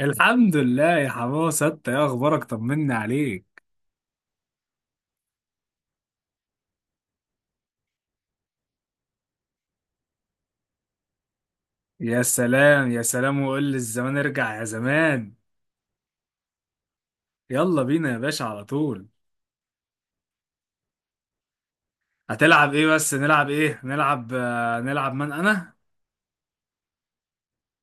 الحمد لله يا حماسة، انت ايه اخبارك؟ طمني عليك. يا سلام يا سلام، وقول لي الزمان ارجع يا زمان. يلا بينا يا باشا على طول. هتلعب ايه؟ بس نلعب ايه؟ نلعب نلعب من انا.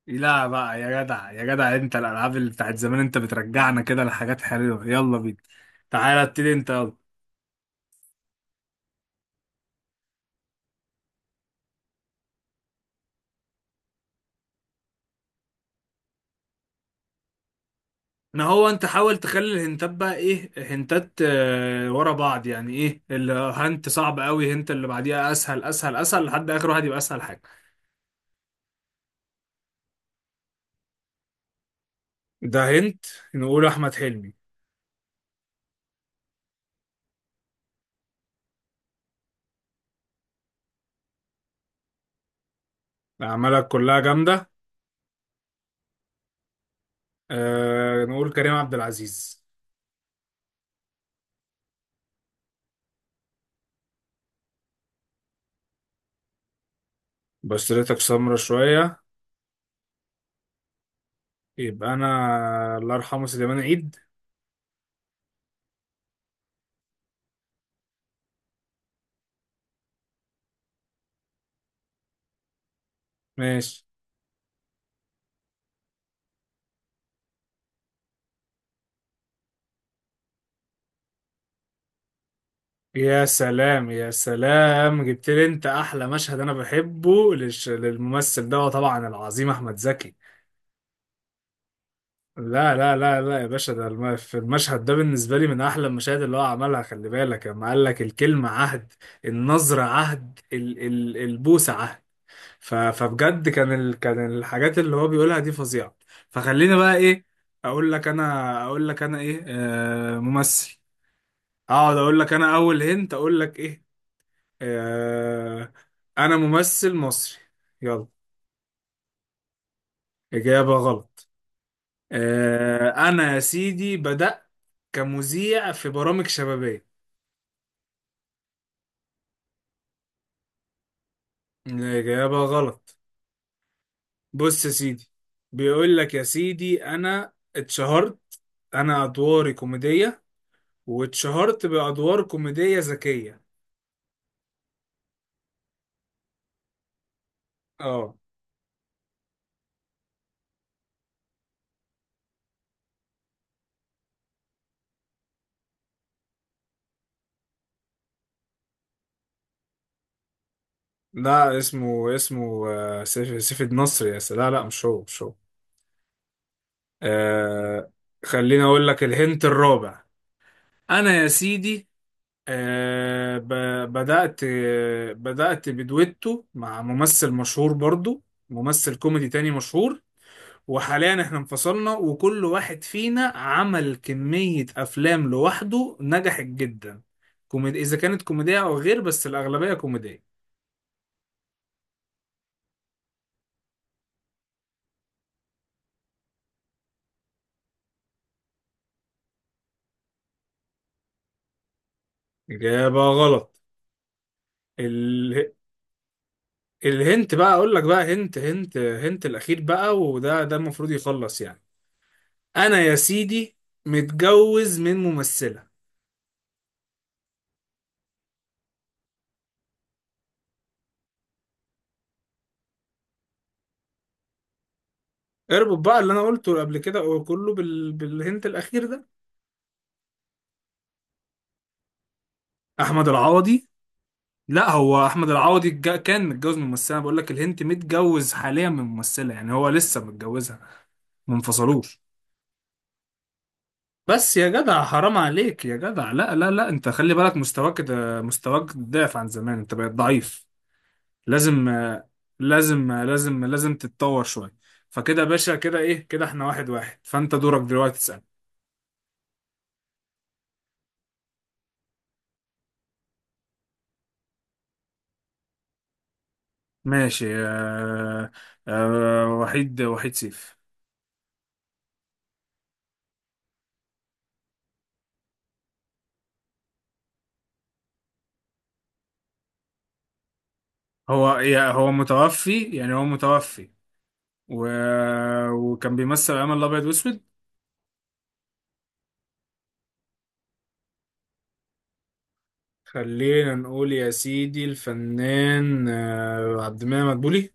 لا بقى يا جدع يا جدع، انت الالعاب اللي بتاعت زمان انت بترجعنا كده لحاجات حلوة. يلا بينا. تعالى ابتدي انت، يلا. ما هو انت حاول تخلي الهنتات بقى ايه، هنتات ورا بعض يعني، ايه الهنت صعب قوي، هنت اللي بعديها اسهل اسهل اسهل لحد اخر واحد يبقى اسهل حاجة. ده هنت. نقول احمد حلمي. اعمالك كلها جامده. أه، نقول كريم عبد العزيز. بشرتك سمرة شويه. يبقى انا الله يرحمه سليمان عيد. ماشي. يا سلام يا سلام، جبت لي انت احلى مشهد انا بحبه للممثل ده طبعا، العظيم احمد زكي. لا لا لا لا يا باشا، في المشهد ده بالنسبه لي من احلى المشاهد اللي هو عملها. خلي بالك لما قال لك الكلمه عهد. النظره عهد، البوسه عهد. فبجد كان الحاجات اللي هو بيقولها دي فظيعة. فخليني بقى ايه. اقول لك انا ايه، ممثل. اقعد اقول لك انا اول هنت، اقول لك ايه؟ آه. انا ممثل مصري. يلا. اجابة غلط. آه، انا يا سيدي بدأت كمذيع في برامج شبابية. الاجابة غلط. بص يا سيدي، بيقول لك يا سيدي انا اتشهرت. انا ادواري كوميدية، واتشهرت بأدوار كوميدية ذكية. اه لا. اسمه سيف النصر. يا سلام، لا لا، مش هو مش هو. آه، خليني اقول لك الهنت الرابع. انا يا سيدي، آه ب بدأت بدويتو مع ممثل مشهور برضو، ممثل كوميدي تاني مشهور. وحاليا احنا انفصلنا وكل واحد فينا عمل كمية افلام لوحده نجحت جدا، كوميدي اذا كانت كوميدية او غير، بس الاغلبية كوميدية. إجابة غلط. ال... الهنت بقى أقول لك، بقى هنت الأخير بقى، وده المفروض يخلص يعني. أنا يا سيدي متجوز من ممثلة. اربط بقى اللي أنا قلته قبل كده كله بالهنت الأخير ده. أحمد العوضي. لا، هو أحمد العوضي كان متجوز من ممثلة. بقول لك الهنت: متجوز حاليا من ممثلة، يعني هو لسه متجوزها، ما انفصلوش. بس يا جدع حرام عليك يا جدع، لا لا لا، انت خلي بالك مستواك ده، مستواك ضعف عن زمان، انت بقيت ضعيف. لازم آه، لازم آه، لازم لازم تتطور شوية. فكده يا باشا، كده ايه، كده احنا واحد واحد، فانت دورك دلوقتي تسأل. ماشي. آه آه، وحيد سيف. هو هو متوفي يعني، هو متوفي. و... وكان بيمثل أيام الأبيض وأسود. خلينا نقول يا سيدي الفنان عبد المنعم مدبولي.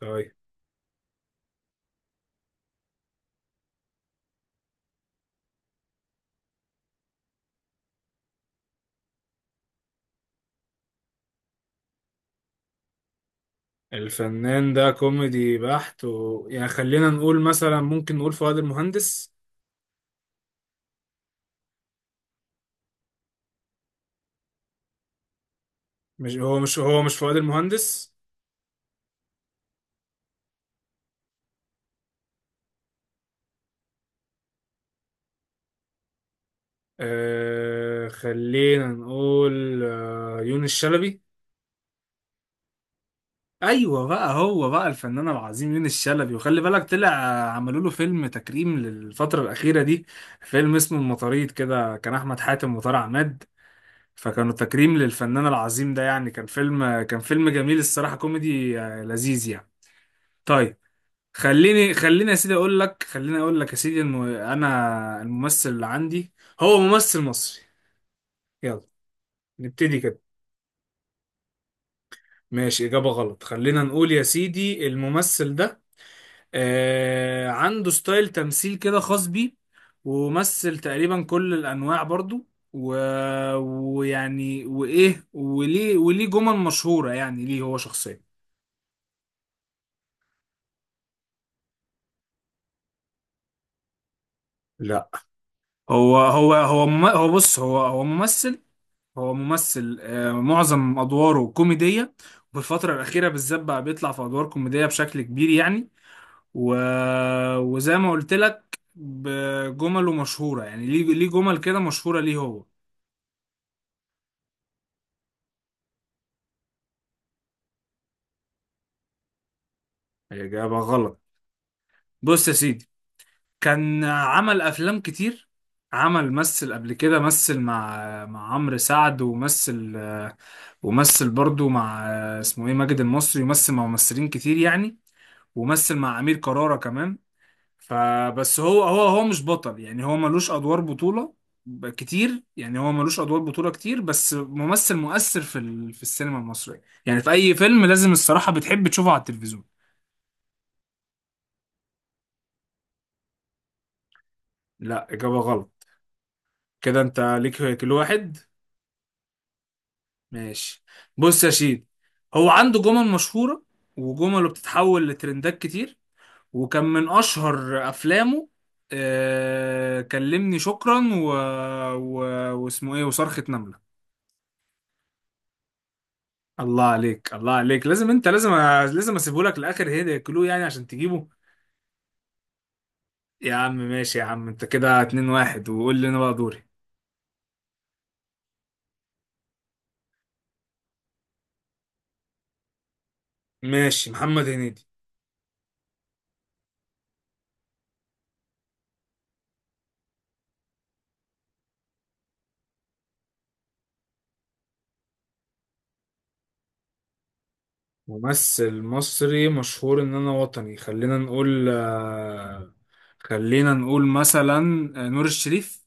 طيب. الفنان ده كوميدي بحت يعني خلينا نقول مثلا ممكن نقول فؤاد المهندس. مش هو مش هو، مش فؤاد المهندس. آه، خلينا نقول يونس شلبي. ايوه بقى، هو بقى الفنان العظيم يونس شلبي. وخلي بالك طلع عملوا له فيلم تكريم للفتره الاخيره دي، فيلم اسمه المطاريد، كده كان احمد حاتم وطارق عماد. فكانوا تكريم للفنان العظيم ده يعني. كان فيلم جميل الصراحه، كوميدي لذيذ يعني. طيب. خليني يا سيدي اقول لك، خليني اقول لك يا سيدي انه انا الممثل اللي عندي هو ممثل مصري. يلا، نبتدي كده. ماشي. إجابة غلط. خلينا نقول يا سيدي الممثل ده عنده ستايل تمثيل كده خاص بيه، ومثل تقريبا كل الأنواع برضو. و... ويعني وإيه وليه جمل مشهورة يعني، ليه هو شخصيا. لا. هو هو بص هو ممثل. هو ممثل، معظم أدواره كوميدية، وفي الفترة الأخيرة بالذات بقى بيطلع في أدوار كوميدية بشكل كبير يعني. و... وزي ما قلت لك بجمله مشهورة يعني، ليه جمل كده مشهورة، ليه هو. إجابة غلط. بص يا سيدي، كان عمل أفلام كتير. عمل مثل قبل كده، مثل مع عمرو سعد، ومثل، ومثل برضو مع اسمه ايه ماجد المصري، ومثل مع ممثلين كتير يعني، ومثل مع أمير كرارة كمان. فبس هو مش بطل يعني، هو ملوش ادوار بطولة. كتير يعني، هو ملوش ادوار بطولة كتير، بس ممثل مؤثر في السينما المصرية يعني، في اي فيلم لازم الصراحة بتحب تشوفه على التلفزيون. لا، اجابة غلط. كده انت ليك كل واحد. ماشي. بص يا شيد، هو عنده جمل مشهورة، وجمله بتتحول لترندات كتير، وكان من اشهر افلامه كلمني شكرا، و... واسمه ايه وصرخة نملة. الله عليك الله عليك، لازم انت، لازم اسيبه لك لاخر هيدا كلو يعني عشان تجيبه. يا عم ماشي يا عم، انت كده 2-1، وقول لي انا بقى دوري. ماشي. محمد هنيدي. ممثل مصري مشهور ان انا وطني. خلينا نقول خلينا نقول مثلا نور الشريف.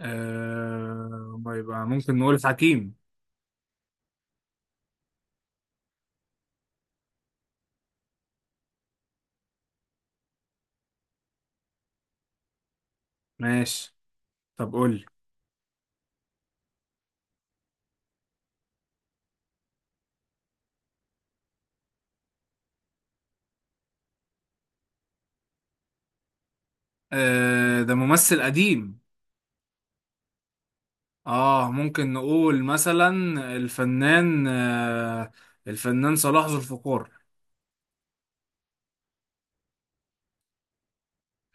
آه، ما يبقى ممكن نقول حكيم. ماشي. طب قول لي. آه، ده ممثل قديم. اه، ممكن نقول مثلا الفنان آه الفنان صلاح ذو الفقار.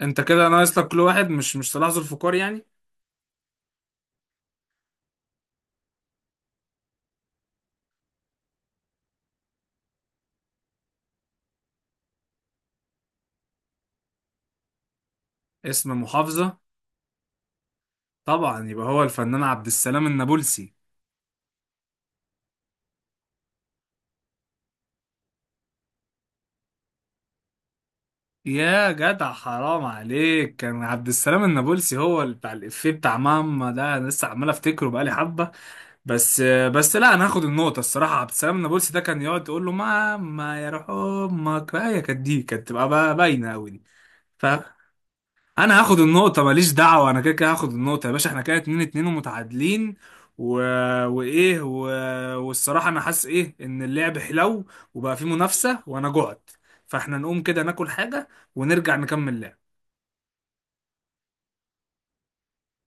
انت كده ناقص لك كل واحد، مش صلاح ذو الفقار يعني. اسم محافظة. طبعا يبقى هو الفنان عبد السلام النابلسي. يا جدع حرام عليك، كان عبد السلام النابلسي هو اللي بتاع الإفيه بتاع ماما ده، انا لسه عمال افتكره بقالي حبة. بس لا، انا هاخد النقطة الصراحة. عبد السلام النابلسي ده كان يقعد يقول له ماما يا روح امك، بقى هي كانت دي كانت تبقى بقى باينة قوي دي. ف- انا هاخد النقطة، ماليش دعوة، انا كده كده هاخد النقطة يا باشا. احنا كده 2-2 ومتعادلين. و... وايه، والصراحة انا حاسس ايه ان اللعب حلو، وبقى فيه منافسة، وانا جعت، فاحنا نقوم كده ناكل حاجة، ونرجع نكمل لعب.